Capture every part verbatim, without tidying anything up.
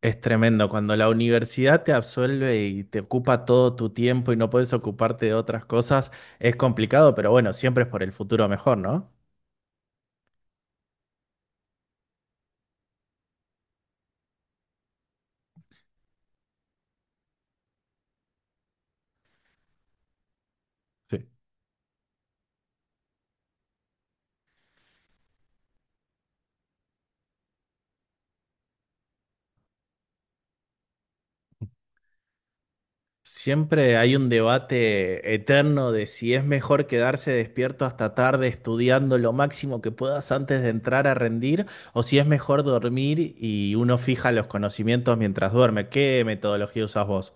Es tremendo cuando la universidad te absuelve y te ocupa todo tu tiempo y no puedes ocuparte de otras cosas, es complicado, pero bueno, siempre es por el futuro mejor, ¿no? Sí. Siempre hay un debate eterno de si es mejor quedarse despierto hasta tarde estudiando lo máximo que puedas antes de entrar a rendir o si es mejor dormir y uno fija los conocimientos mientras duerme. ¿Qué metodología usas vos?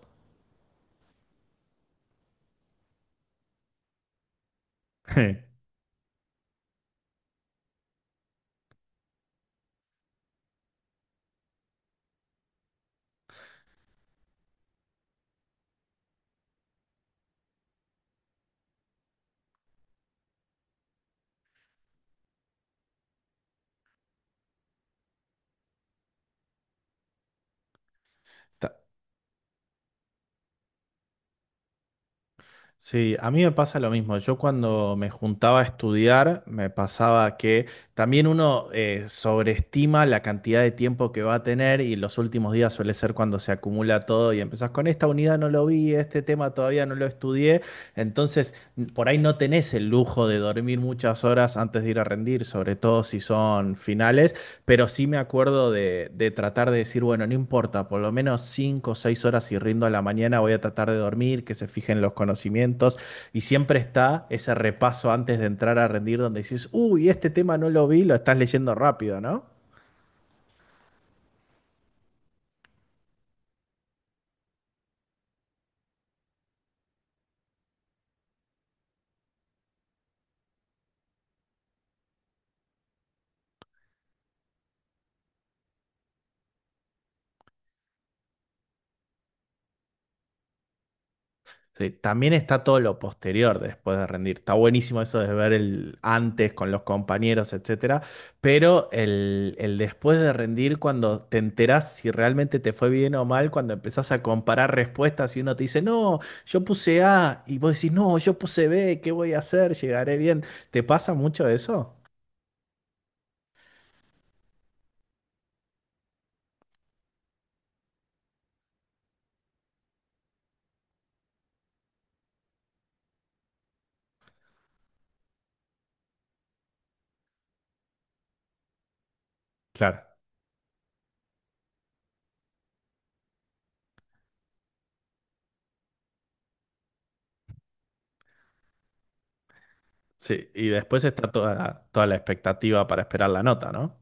Ta- Sí, a mí me pasa lo mismo. Yo cuando me juntaba a estudiar, me pasaba que también uno eh, sobreestima la cantidad de tiempo que va a tener y los últimos días suele ser cuando se acumula todo y empezás con esta unidad no lo vi, este tema todavía no lo estudié entonces, por ahí no tenés el lujo de dormir muchas horas antes de ir a rendir, sobre todo si son finales, pero sí me acuerdo de, de tratar de decir, bueno, no importa, por lo menos cinco o seis horas si rindo a la mañana, voy a tratar de dormir, que se fijen los conocimientos, y siempre está ese repaso antes de entrar a rendir donde dices, uy, este tema no lo vi, lo estás leyendo rápido, ¿no? Sí, también está todo lo posterior de después de rendir. Está buenísimo eso de ver el antes con los compañeros, etcétera, pero el, el después de rendir, cuando te enterás si realmente te fue bien o mal, cuando empezás a comparar respuestas y uno te dice, no, yo puse A, y vos decís, no, yo puse B, ¿qué voy a hacer? ¿Llegaré bien? ¿Te pasa mucho eso? Claro, sí, y después está toda, toda la expectativa para esperar la nota, ¿no?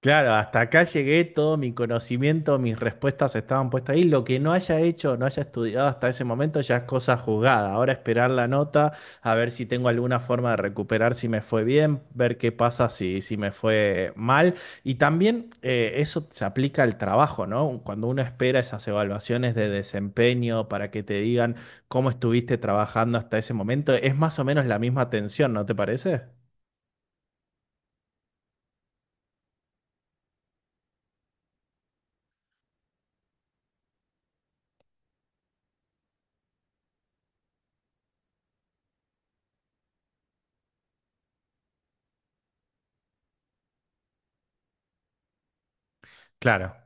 Claro, hasta acá llegué, todo mi conocimiento, mis respuestas estaban puestas ahí. Lo que no haya hecho, no haya estudiado hasta ese momento ya es cosa jugada. Ahora esperar la nota, a ver si tengo alguna forma de recuperar si me fue bien, ver qué pasa si, si me fue mal. Y también eh, eso se aplica al trabajo, ¿no? Cuando uno espera esas evaluaciones de desempeño para que te digan cómo estuviste trabajando hasta ese momento, es más o menos la misma tensión, ¿no te parece? Claro.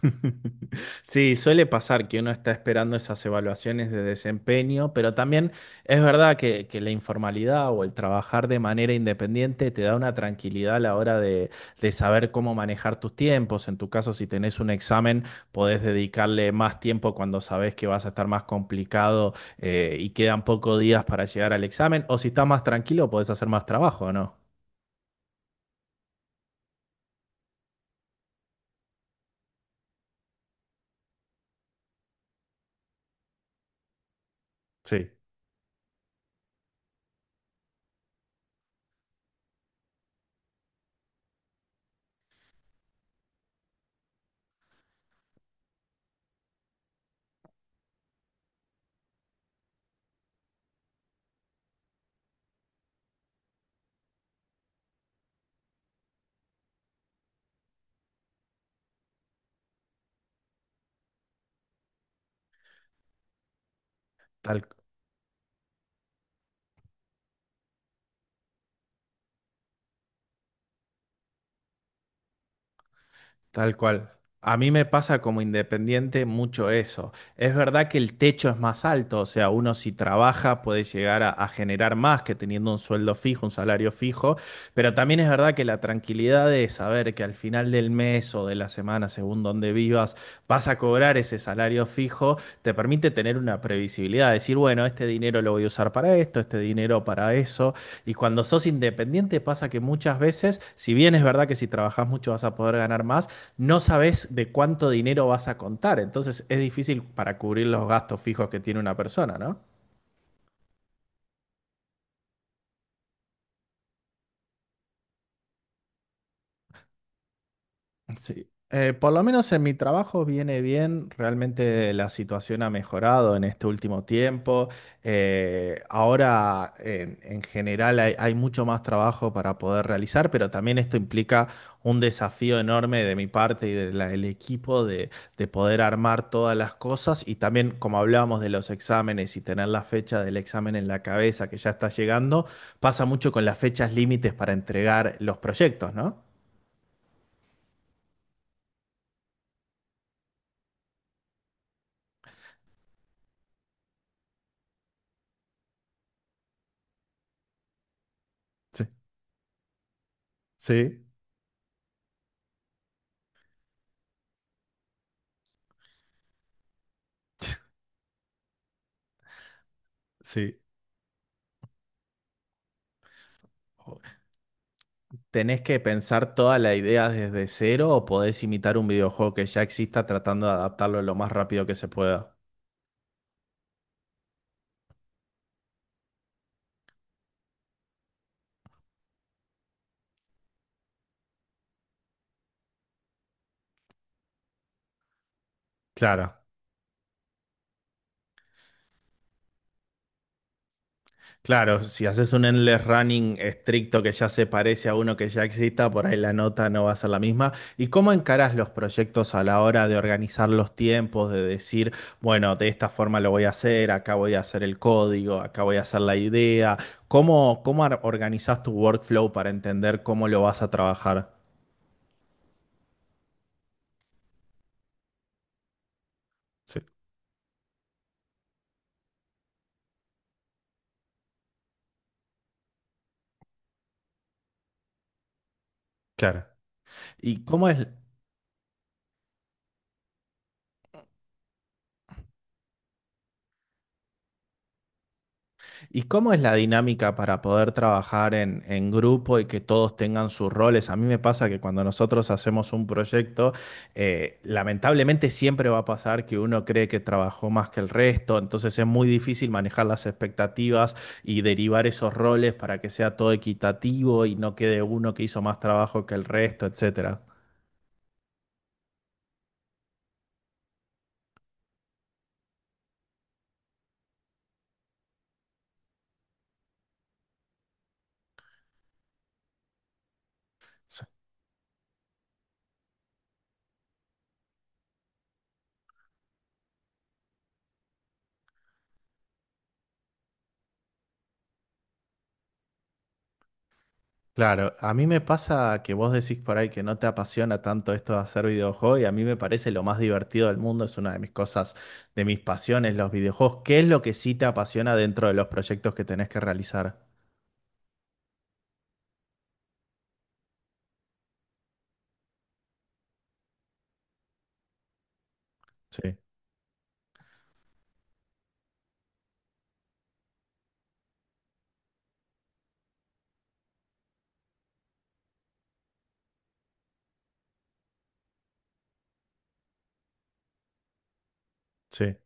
Sí, suele pasar que uno está esperando esas evaluaciones de desempeño, pero también es verdad que, que la informalidad o el trabajar de manera independiente te da una tranquilidad a la hora de, de saber cómo manejar tus tiempos. En tu caso, si tenés un examen, podés dedicarle más tiempo cuando sabés que vas a estar más complicado eh, y quedan pocos días para llegar al examen. O si estás más tranquilo, podés hacer más trabajo, ¿no? Sí, tal Tal cual. A mí me pasa como independiente mucho eso. Es verdad que el techo es más alto, o sea, uno si trabaja puede llegar a, a generar más que teniendo un sueldo fijo, un salario fijo, pero también es verdad que la tranquilidad de saber que al final del mes o de la semana, según donde vivas, vas a cobrar ese salario fijo, te permite tener una previsibilidad, decir, bueno, este dinero lo voy a usar para esto, este dinero para eso. Y cuando sos independiente pasa que muchas veces, si bien es verdad que si trabajás mucho vas a poder ganar más, no sabes de cuánto dinero vas a contar. Entonces es difícil para cubrir los gastos fijos que tiene una persona, ¿no? Sí, Eh, por lo menos en mi trabajo viene bien, realmente la situación ha mejorado en este último tiempo. Eh, ahora en, en general hay, hay mucho más trabajo para poder realizar, pero también esto implica un desafío enorme de mi parte y de la- del equipo de, de poder armar todas las cosas y también como hablábamos de los exámenes y tener la fecha del examen en la cabeza que ya está llegando, pasa mucho con las fechas límites para entregar los proyectos, ¿no? Sí, sí. Sí. O- ¿Tenés que pensar toda la idea desde cero o podés imitar un videojuego que ya exista tratando de adaptarlo lo más rápido que se pueda? Claro, claro, si haces un endless running estricto que ya se parece a uno que ya exista, por ahí la nota no va a ser la misma. ¿Y cómo encarás los proyectos a la hora de organizar los tiempos, de decir, bueno, de esta forma lo voy a hacer, acá voy a hacer el código, acá voy a hacer la idea? ¿Cómo, cómo ar- organizás tu workflow para entender cómo lo vas a trabajar? Sí. Claro. ¿Y cómo es, y cómo es la dinámica para poder trabajar en, en grupo y que todos tengan sus roles? A mí me pasa que cuando nosotros hacemos un proyecto, eh, lamentablemente siempre va a pasar que uno cree que trabajó más que el resto, entonces es muy difícil manejar las expectativas y derivar esos roles para que sea todo equitativo y no quede uno que hizo más trabajo que el resto, etcétera. Sí. Claro, a mí me pasa que vos decís por ahí que no te apasiona tanto esto de hacer videojuegos y a mí me parece lo más divertido del mundo, es una de mis cosas, de mis pasiones, los videojuegos. ¿Qué es lo que sí te apasiona dentro de los proyectos que tenés que realizar? Sí, sí,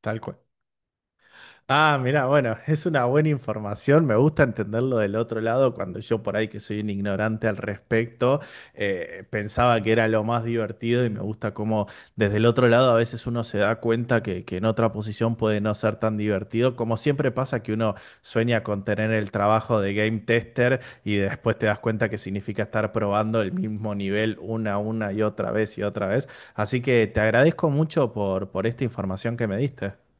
tal cual. Ah, mira, bueno, es una buena información. Me gusta entenderlo del otro lado cuando yo por ahí que soy un ignorante al respecto, eh, pensaba que era lo más divertido y me gusta cómo desde el otro lado a veces uno se da cuenta que, que en otra posición puede no ser tan divertido. Como siempre pasa que uno sueña con tener el trabajo de game tester y después te das cuenta que significa estar probando el mismo nivel una, una y otra vez y otra vez. Así que te agradezco mucho por, por esta información que me diste.